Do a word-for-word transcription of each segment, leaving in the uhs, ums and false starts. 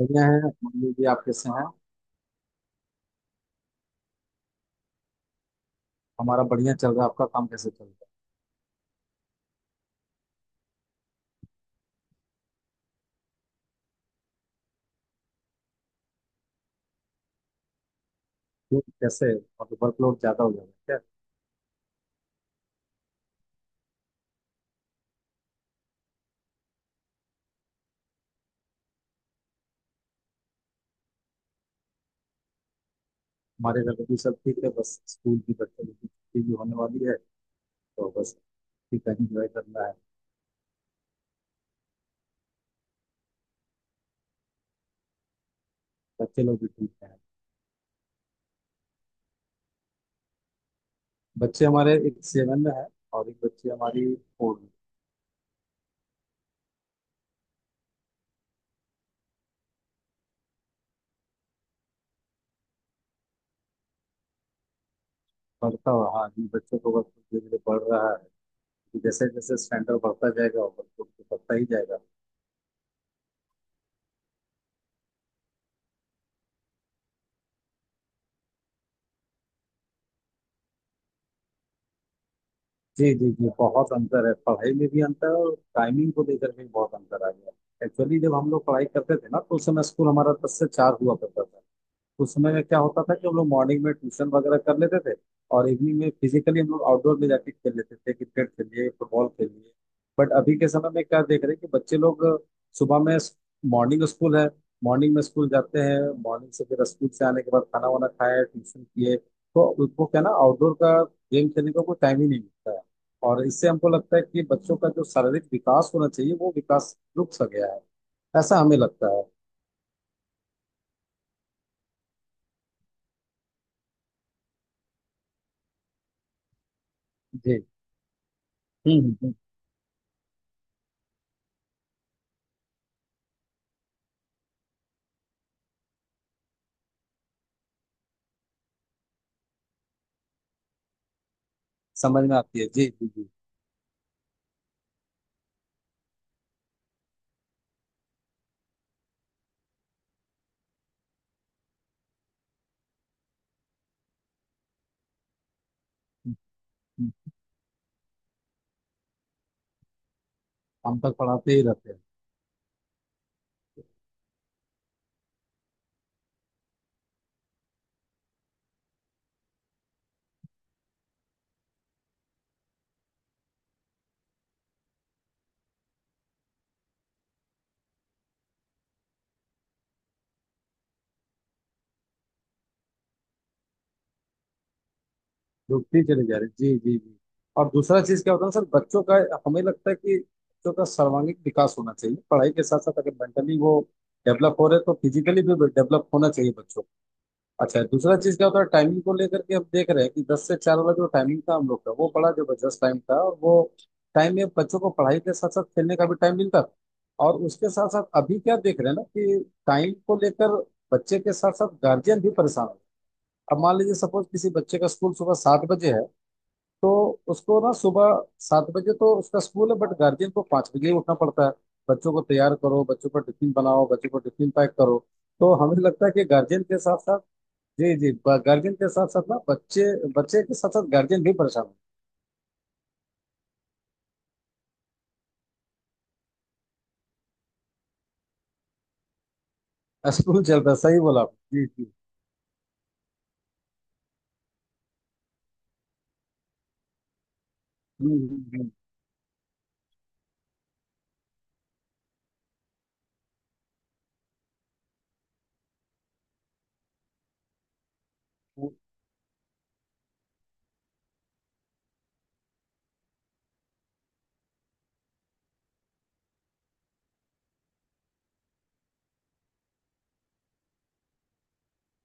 बढ़िया है। मान लीजिए आप कैसे हैं। हमारा बढ़िया चल रहा है, आपका काम कैसे चल रहा है। क्यों, कैसे? मतलब वर्कलोड ज्यादा हो जाएगा क्या? हमारे घर में भी सब ठीक है, बस स्कूल की बच्चे लोग की छुट्टी भी होने वाली है, तो बस ठीक है, इंजॉय करना है। बच्चे लोग भी ठीक हैं। बच्चे हमारे एक सेवन में है और एक बच्ची हमारी फोर में। बढ़ता हुआ, हाँ जी, बच्चों को वर्कलोड धीरे धीरे बढ़ रहा है। जैसे जैसे स्टैंडर्ड बढ़ता जाएगा वर्कलोड तो बढ़ता ही जाएगा। जी, जी, जी, बहुत अंतर है। पढ़ाई में भी अंतर है और टाइमिंग को लेकर भी बहुत अंतर आ गया है। एक्चुअली जब हम लोग पढ़ाई करते थे ना, तो उस समय स्कूल हमारा दस से चार हुआ करता था। उस समय में क्या होता था कि हम लोग मॉर्निंग में ट्यूशन वगैरह कर लेते थे और इवनिंग में फिजिकली हम लोग आउटडोर में जाके खेल लेते थे, क्रिकेट खेलिए, फुटबॉल खेलिए। बट अभी के समय में क्या देख रहे हैं कि बच्चे लोग सुबह में मॉर्निंग स्कूल है, मॉर्निंग में स्कूल जाते हैं, मॉर्निंग से फिर स्कूल से आने के बाद खाना वाना खाया, ट्यूशन किए, तो उनको क्या ना आउटडोर का गेम खेलने का कोई टाइम ही नहीं मिलता है। और इससे हमको लगता है कि बच्चों का जो शारीरिक विकास होना चाहिए वो विकास रुक सा गया है। ऐसा हमें लगता है। जी। हम्म हम्म, हम्म। समझ में आती है, जी जी जी। हम तक पढ़ाते ही रहते हैं। डूबते चले जा रहे हैं, जी जी जी। और दूसरा चीज क्या होता है सर, बच्चों का हमें लगता है कि बच्चों का सर्वांगीण विकास होना चाहिए। पढ़ाई के साथ साथ अगर मेंटली वो डेवलप हो रहे हैं तो फिजिकली भी डेवलप होना चाहिए बच्चों को। अच्छा, दूसरा चीज क्या होता है, टाइमिंग को लेकर के हम देख रहे हैं कि दस से चार वाला जो टाइमिंग था हम लोग का, वो बड़ा जबरदस्त टाइम था, और वो टाइम में बच्चों को पढ़ाई के साथ साथ खेलने का भी टाइम मिलता था। और उसके साथ साथ अभी क्या देख रहे हैं ना, कि टाइम को लेकर बच्चे के साथ साथ गार्जियन भी परेशान है। अब मान लीजिए, सपोज किसी बच्चे का स्कूल सुबह सात बजे है, तो उसको ना सुबह सात बजे तो उसका स्कूल है, बट गार्जियन को पाँच बजे ही उठना पड़ता है। बच्चों को तैयार करो, बच्चों का टिफिन बनाओ, बच्चों को टिफिन पैक करो। तो हमें लगता है कि गार्जियन के साथ साथ, जी जी, गार्जियन के साथ साथ ना बच्चे, बच्चे के साथ साथ गार्जियन भी परेशान है स्कूल चल रहा है, सही बोला आपने। जी जी। हम्म हम्म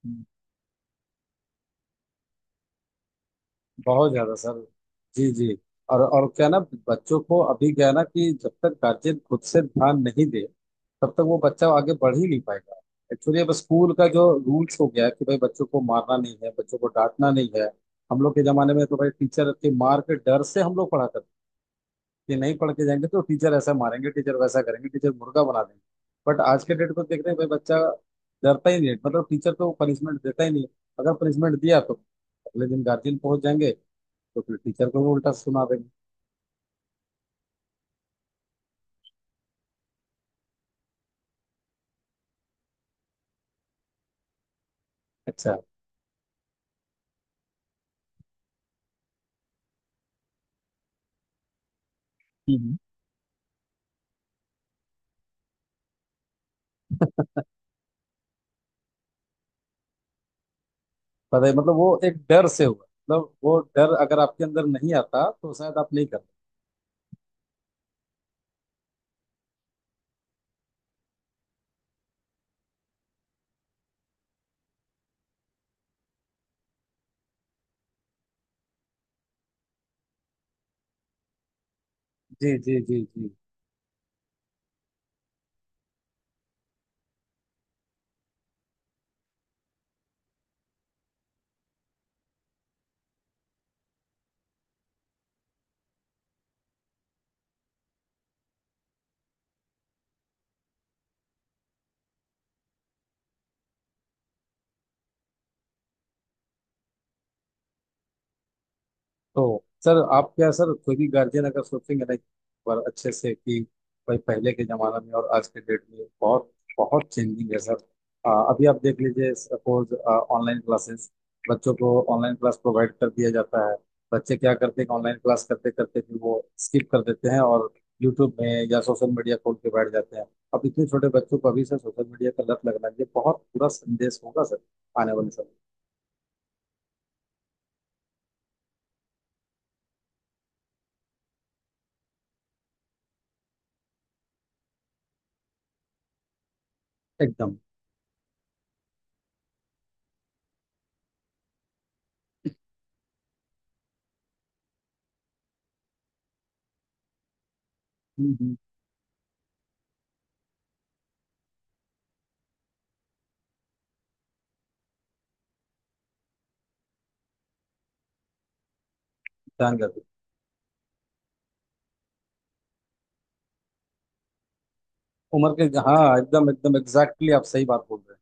हम्म। बहुत ज्यादा सर, जी जी। और और क्या ना, बच्चों को अभी क्या है ना कि जब तक गार्जियन खुद से ध्यान नहीं दे तब तक वो बच्चा आगे बढ़ ही नहीं पाएगा। एक्चुअली अब स्कूल का जो रूल्स हो गया है कि भाई बच्चों को मारना नहीं है, बच्चों को डांटना नहीं है। हम लोग के जमाने में तो भाई टीचर के मार के डर से हम लोग पढ़ा करते कि नहीं पढ़ के जाएंगे तो टीचर ऐसा मारेंगे, टीचर वैसा करेंगे, टीचर मुर्गा बना देंगे। बट आज के डेट को देख रहे हैं, भाई बच्चा डरता ही नहीं है। मतलब टीचर तो पनिशमेंट देता ही नहीं है। अगर पनिशमेंट दिया तो अगले दिन गार्जियन पहुंच जाएंगे, तो फिर टीचर को भी उल्टा सुना देंगे। अच्छा। हम्म, पता है, मतलब वो एक डर से हुआ, मतलब वो डर अगर आपके अंदर नहीं आता तो शायद आप नहीं करते। जी जी जी जी। तो सर आप क्या, सर कोई भी गार्जियन अगर सोचेंगे ना एक बार अच्छे से कि भाई पहले के जमाना में और आज के डेट में बहुत बहुत चेंजिंग है सर। अ, अभी आप देख लीजिए, सपोज ऑनलाइन क्लासेस, बच्चों को ऑनलाइन क्लास प्रोवाइड कर दिया जाता है। बच्चे क्या करते हैं, ऑनलाइन क्लास करते करते फिर वो स्किप कर देते हैं और यूट्यूब में या सोशल मीडिया खोल के बैठ जाते हैं। अब इतने छोटे बच्चों को अभी से सोशल मीडिया का लत लगना, ये बहुत बुरा संदेश होगा सर आने वाले समय में। एकदम। हम्म, हम्म। ध्यान उम्र के, हाँ, एकदम एकदम एग्जैक्टली, आप सही बात बोल रहे हैं।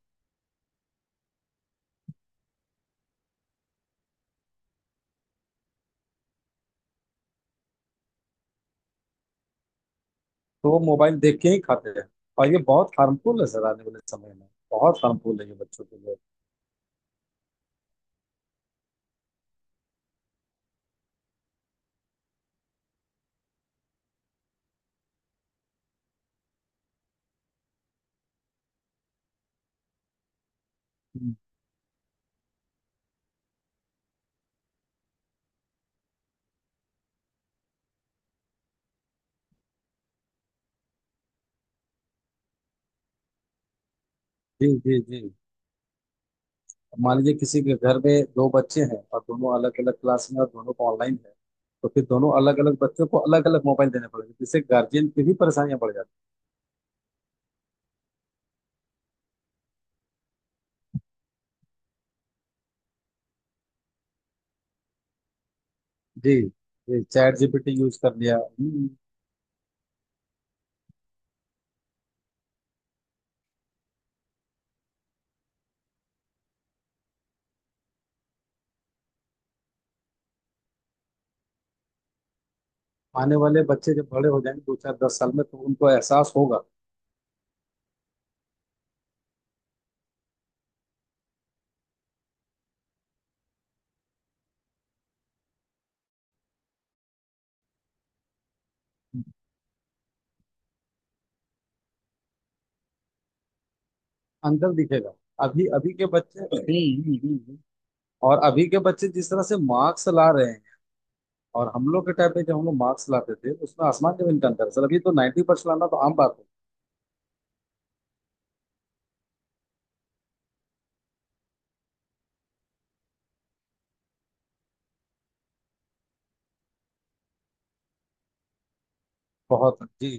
तो वो मोबाइल देख के ही खाते हैं, और ये बहुत हार्मफुल है सर आने वाले समय में, बहुत हार्मफुल है ये बच्चों के लिए। हम्म, जी जी जी। मान लीजिए किसी के घर में दो बच्चे हैं और दोनों अलग अलग क्लास में और दोनों को ऑनलाइन है, तो फिर दोनों अलग अलग बच्चों को अलग अलग मोबाइल देने पड़ेंगे, जिससे गार्जियन की भी परेशानियां बढ़ जाती हैं। जी। जी, चैट जीपीटी यूज कर लिया। हम्म, आने वाले बच्चे जब बड़े हो जाएंगे दो चार दस साल में तो उनको एहसास होगा अंदर दिखेगा। अभी अभी के बच्चे। हम्म, और अभी के बच्चे जिस तरह से मार्क्स ला रहे हैं और हम लोग के टाइम पे जब हम लोग मार्क्स लाते थे, उसमें आसमान जमीन का अंतर है। सर अभी तो नाइन्टी परसेंट लाना तो आम बात है। बहुत है जी।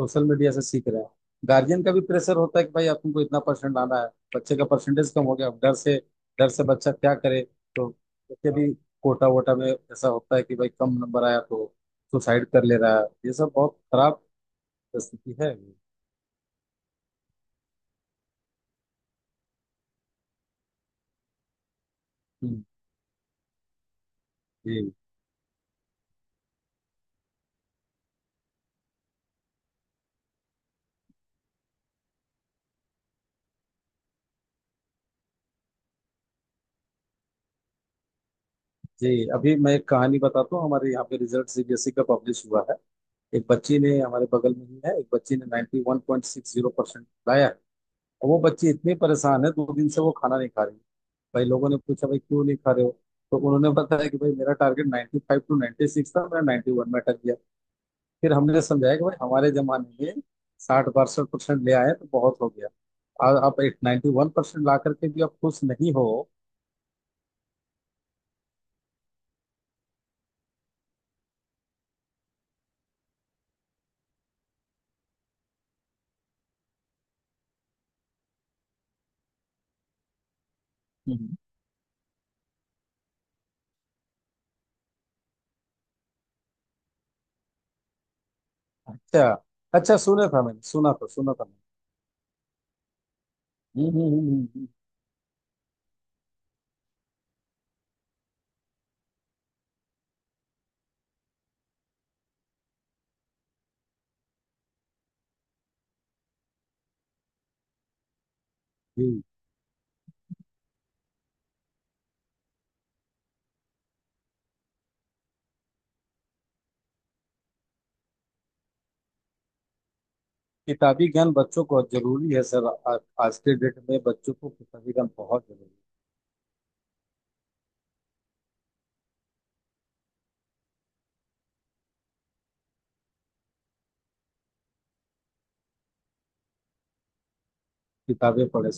सोशल मीडिया से सीख रहे हैं। गार्जियन का भी प्रेशर होता है कि भाई आपको इतना परसेंट लाना है। बच्चे का परसेंटेज कम हो गया, अब डर से, डर से बच्चा क्या करे। तो उसके भी कोटा वोटा में ऐसा होता है कि भाई कम नंबर आया तो सुसाइड कर ले रहा है। ये सब बहुत खराब स्थिति है। हम्म, जी जी। अभी मैं एक कहानी बताता हूँ, हमारे यहाँ पे रिजल्ट सीबीएसई का पब्लिश हुआ है। एक बच्ची ने, हमारे बगल में ही है, एक बच्ची ने इक्यानबे दशमलव छह शून्य परसेंट लाया है। और वो बच्ची इतनी परेशान है, दो दिन से वो खाना नहीं खा रही। भाई लोगों ने पूछा, भाई क्यों नहीं खा रहे हो, तो उन्होंने बताया कि भाई मेरा target ninety five two ninety six था, मैं नाइन्टी वन में अटक गया। फिर हमने समझाया कि भाई हमारे जमाने में साठ बासठ परसेंट ले आए तो बहुत हो गया, और आप एक नाइन्टी वन परसेंट ला करके भी आप खुश नहीं हो। हम्म। अच्छा, अच्छा। सुना था, मैंने सुना था, सुना था मैंने। हम्म हम्म, हम्म, हम्म, हम्म। जी। किताबी ज्ञान बच्चों को जरूरी है सर। आ, आज के डेट में बच्चों को किताबी ज्ञान बहुत जरूरी है। किताबें पढ़े